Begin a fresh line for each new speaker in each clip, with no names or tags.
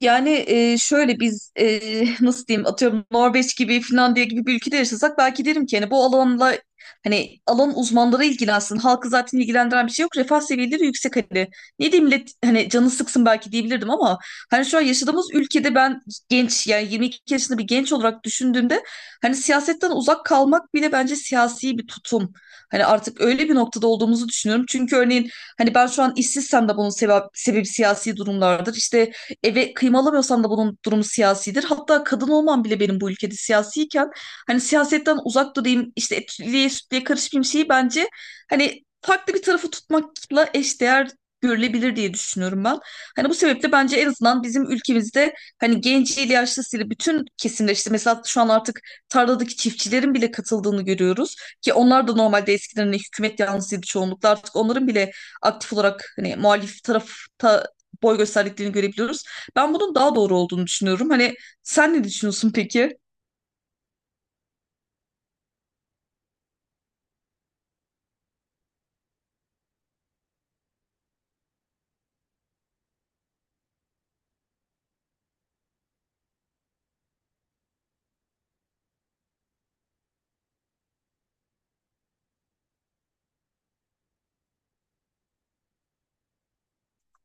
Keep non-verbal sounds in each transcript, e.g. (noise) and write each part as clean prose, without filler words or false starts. Yani şöyle biz (laughs) nasıl diyeyim, atıyorum Norveç gibi, Finlandiya gibi bir ülkede yaşasak belki derim ki hani bu alanla hani alan uzmanları ilgilensin. Halkı zaten ilgilendiren bir şey yok, refah seviyeleri yüksek hani. Ne diyeyim, millet hani canı sıksın belki diyebilirdim, ama hani şu an yaşadığımız ülkede ben genç, yani 22 yaşında bir genç olarak düşündüğümde hani siyasetten uzak kalmak bile bence siyasi bir tutum. Hani artık öyle bir noktada olduğumuzu düşünüyorum. Çünkü örneğin hani ben şu an işsizsem de bunun sebebi siyasi durumlardır. İşte eve kıyım alamıyorsam da bunun durumu siyasidir. Hatta kadın olmam bile benim bu ülkede siyasiyken hani siyasetten uzak durayım, işte etliye sütlüye karışmayayım şeyi bence hani farklı bir tarafı tutmakla eşdeğer görülebilir diye düşünüyorum ben. Hani bu sebeple bence en azından bizim ülkemizde hani genciyle yaşlısıyla bütün kesimler, işte mesela şu an artık tarladaki çiftçilerin bile katıldığını görüyoruz ki onlar da normalde eskiden hani hükümet yanlısıydı çoğunlukla, artık onların bile aktif olarak hani muhalif tarafta boy gösterdiklerini görebiliyoruz. Ben bunun daha doğru olduğunu düşünüyorum. Hani sen ne düşünüyorsun peki?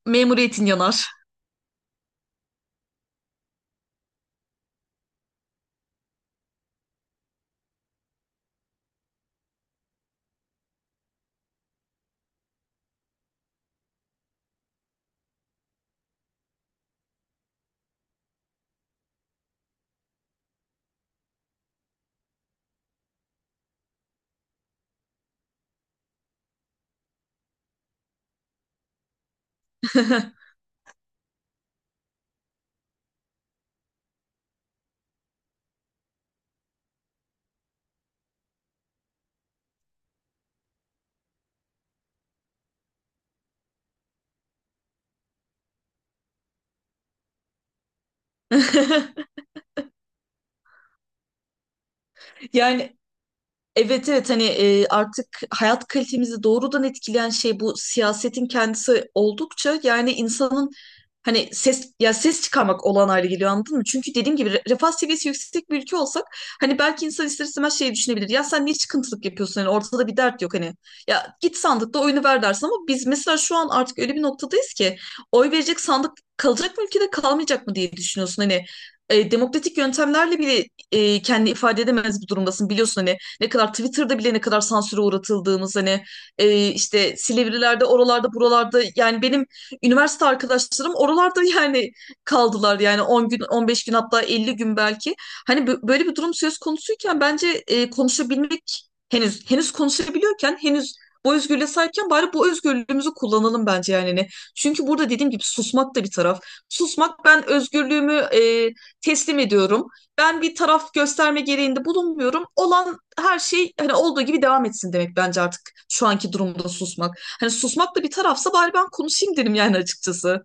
Memuriyetin yanar. (laughs) Yani evet, evet, hani artık hayat kalitemizi doğrudan etkileyen şey bu siyasetin kendisi oldukça yani insanın hani ses çıkarmak olağan hale geliyor, anladın mı? Çünkü dediğim gibi refah seviyesi yüksek bir ülke olsak hani belki insan ister istemez şey düşünebilir. Ya sen niye çıkıntılık yapıyorsun? Hani ortada bir dert yok hani. Ya git sandıkta oyunu ver dersin, ama biz mesela şu an artık öyle bir noktadayız ki oy verecek sandık kalacak mı ülkede, kalmayacak mı diye düşünüyorsun. Hani demokratik yöntemlerle bile kendini ifade edemez bir durumdasın, biliyorsun hani ne kadar Twitter'da bile ne kadar sansüre uğratıldığımız, hani işte Silivrilerde, oralarda buralarda, yani benim üniversite arkadaşlarım oralarda (laughs) yani kaldılar, yani 10 gün, 15 gün, hatta 50 gün belki, hani böyle bir durum söz konusuyken bence konuşabilmek henüz konuşabiliyorken, henüz bu özgürlüğe sahipken bari bu özgürlüğümüzü kullanalım bence yani. Çünkü burada dediğim gibi, susmak da bir taraf. Susmak, ben özgürlüğümü teslim ediyorum, ben bir taraf gösterme gereğinde bulunmuyorum. Olan her şey hani olduğu gibi devam etsin demek bence artık şu anki durumda susmak. Hani susmak da bir tarafsa, bari ben konuşayım dedim yani açıkçası.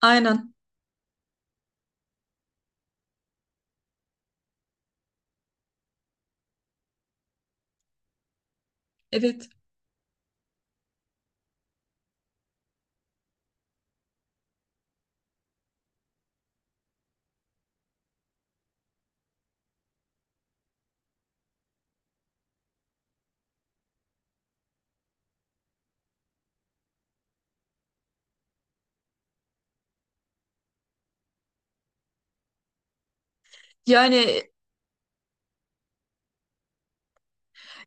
Aynen. Evet. Yani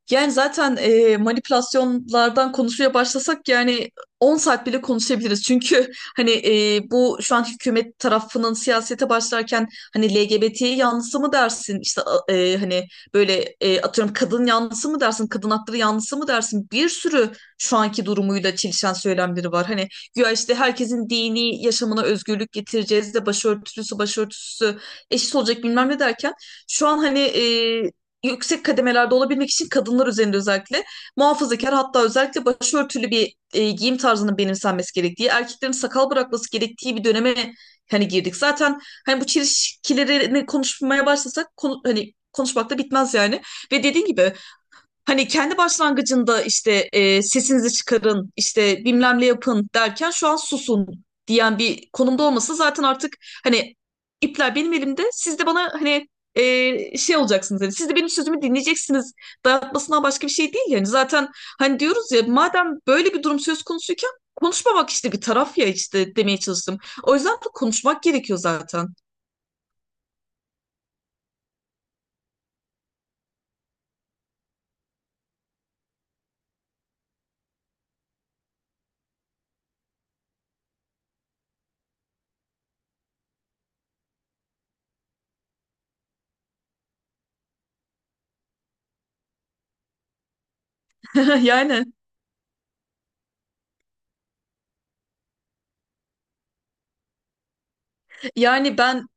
Zaten manipülasyonlardan konuşmaya başlasak yani 10 saat bile konuşabiliriz. Çünkü (laughs) hani bu şu an hükümet tarafının siyasete başlarken hani LGBT yanlısı mı dersin? İşte hani böyle, atıyorum, kadın yanlısı mı dersin? Kadın hakları yanlısı mı dersin? Bir sürü şu anki durumuyla çelişen söylemleri var. Hani güya işte herkesin dini yaşamına özgürlük getireceğiz de başörtüsü eşit olacak, bilmem ne derken şu an hani yüksek kademelerde olabilmek için kadınlar üzerinde özellikle muhafazakar, hatta özellikle başörtülü bir giyim tarzının benimsenmesi gerektiği, erkeklerin sakal bırakması gerektiği bir döneme hani girdik. Zaten hani bu çelişkilerini konuşmaya başlasak hani konuşmak da bitmez yani. Ve dediğin gibi, hani kendi başlangıcında işte sesinizi çıkarın, işte bilmem ne yapın derken, şu an susun diyen bir konumda olması zaten artık hani ipler benim elimde. Siz de bana hani şey olacaksınız. Hani siz de benim sözümü dinleyeceksiniz. Dayatmasından başka bir şey değil yani. Zaten hani diyoruz ya, madem böyle bir durum söz konusuyken konuşmamak işte bir taraf ya, işte demeye çalıştım. O yüzden de konuşmak gerekiyor zaten. (laughs) Yani yani.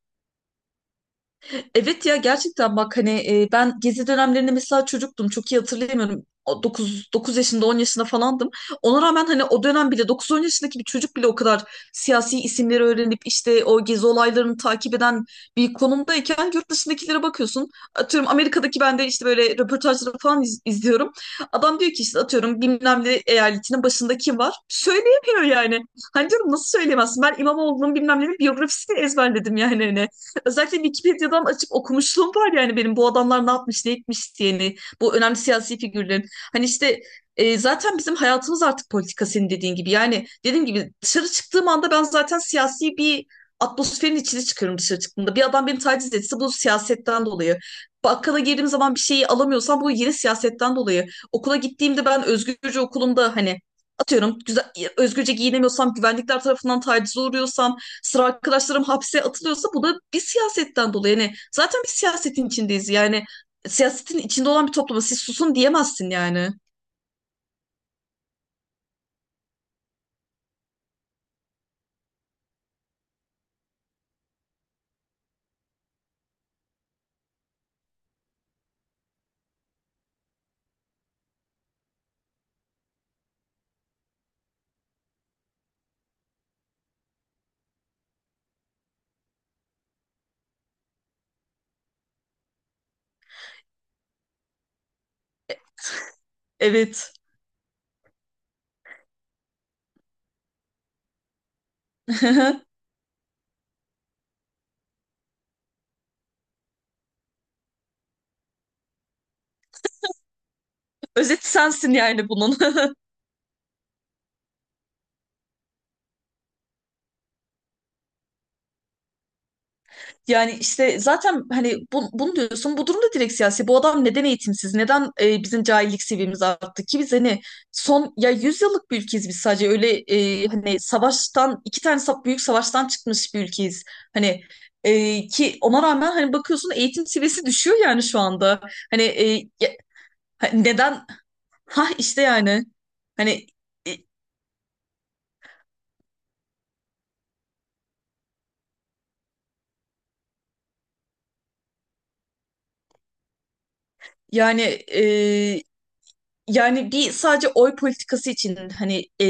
Evet ya, gerçekten bak hani ben gezi dönemlerinde mesela çocuktum, çok iyi hatırlayamıyorum. 9 yaşında, 10 yaşında falandım. Ona rağmen hani o dönem bile 9-10 yaşındaki bir çocuk bile o kadar siyasi isimleri öğrenip işte o gezi olaylarını takip eden bir konumdayken, yurt dışındakilere bakıyorsun. Atıyorum Amerika'daki, ben de işte böyle röportajları falan izliyorum. Adam diyor ki işte, atıyorum, bilmem ne eyaletinin başında kim var? Söyleyemiyor yani. Hani diyorum, nasıl söyleyemezsin? Ben İmamoğlu'nun bilmem ne, bir biyografisini ezberledim yani hani. Özellikle Wikipedia'dan açıp okumuşluğum var yani, benim bu adamlar ne yapmış ne etmiş diyeni, bu önemli siyasi figürlerin hani işte zaten bizim hayatımız artık politika, senin dediğin gibi yani, dediğim gibi dışarı çıktığım anda ben zaten siyasi bir atmosferin içine çıkıyorum. Dışarı çıktığımda bir adam beni taciz etse bu siyasetten dolayı, bakkala girdiğim zaman bir şeyi alamıyorsam bu yine siyasetten dolayı, okula gittiğimde ben özgürce okulumda hani, atıyorum, özgürce giyinemiyorsam, güvenlikler tarafından tacize uğruyorsam, sıra arkadaşlarım hapse atılıyorsa, bu da bir siyasetten dolayı. Yani zaten bir siyasetin içindeyiz. Yani siyasetin içinde olan bir topluma siz susun diyemezsin yani. Evet. (laughs) Özet sensin yani bunun. (laughs) Yani işte zaten hani bunu diyorsun, bu durumda direkt siyasi. Bu adam neden eğitimsiz? Neden bizim cahillik seviyemiz arttı ki? Biz hani son, ya, 100 yıllık bir ülkeyiz biz, sadece öyle hani savaştan, iki tane büyük savaştan çıkmış bir ülkeyiz. Hani e, ki ona rağmen hani bakıyorsun eğitim seviyesi (laughs) düşüyor yani şu anda. Hani e, ya- ha- neden? Ha işte yani, hani. e, yani e, Yani bir sadece oy politikası için hani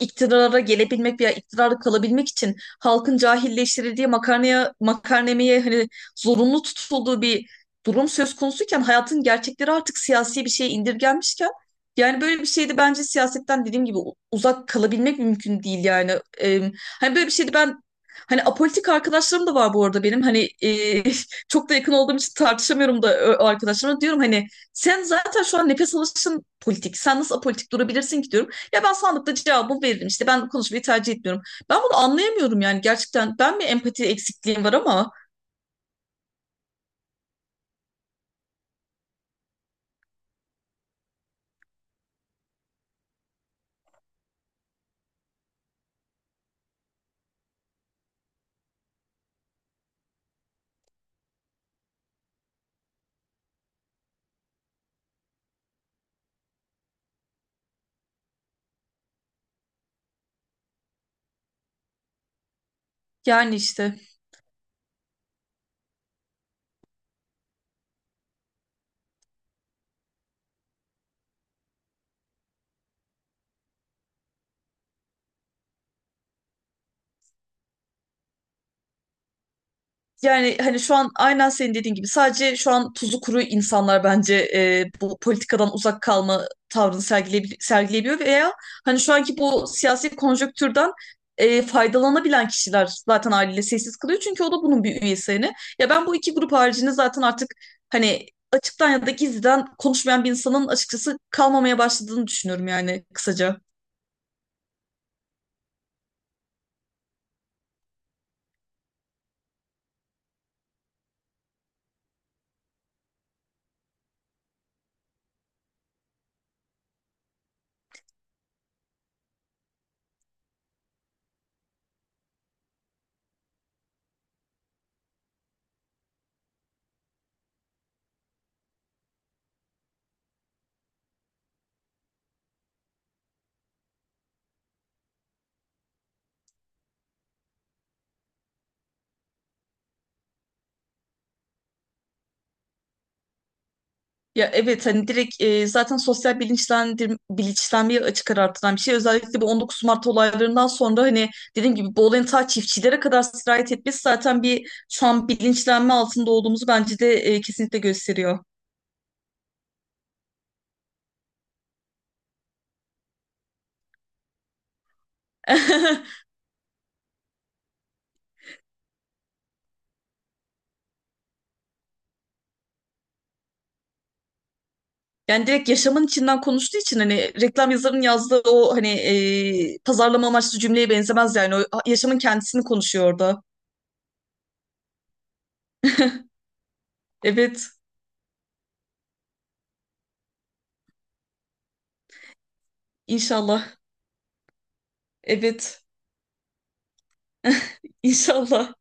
iktidara gelebilmek veya iktidarda kalabilmek için halkın cahilleştirildiği, makarnemeye hani zorunlu tutulduğu bir durum söz konusuyken, hayatın gerçekleri artık siyasi bir şeye indirgenmişken, yani böyle bir şeyde bence siyasetten dediğim gibi uzak kalabilmek mümkün değil yani. E, Hani böyle bir şeyde ben, hani apolitik arkadaşlarım da var bu arada benim, hani (laughs) çok da yakın olduğum için tartışamıyorum da o arkadaşlarıma diyorum, hani sen zaten şu an nefes alışın politik. Sen nasıl apolitik durabilirsin ki diyorum. Ya ben sandıkta cevabımı veririm, İşte ben konuşmayı tercih etmiyorum. Ben bunu anlayamıyorum yani, gerçekten. Ben mi empati eksikliğim var, ama yani işte. Yani hani şu an aynen senin dediğin gibi sadece şu an tuzu kuru insanlar bence bu politikadan uzak kalma tavrını sergileyebiliyor, veya hani şu anki bu siyasi konjonktürden faydalanabilen kişiler zaten haliyle sessiz kalıyor, çünkü o da bunun bir üyesi hani. Ya ben bu iki grup haricinde zaten artık hani açıktan ya da gizliden konuşmayan bir insanın açıkçası kalmamaya başladığını düşünüyorum yani, kısaca. Ya evet, hani direkt zaten sosyal bilinçlenmeye açık ara artıran bir şey. Özellikle bu 19 Mart olaylarından sonra hani dediğim gibi bu olayın ta çiftçilere kadar sirayet etmesi zaten bir şu an bilinçlenme altında olduğumuzu bence de kesinlikle gösteriyor. (laughs) Yani direkt yaşamın içinden konuştuğu için hani reklam yazarının yazdığı o hani pazarlama amaçlı cümleye benzemez yani. O yaşamın kendisini konuşuyor orada. Evet, inşallah. Evet, inşallah.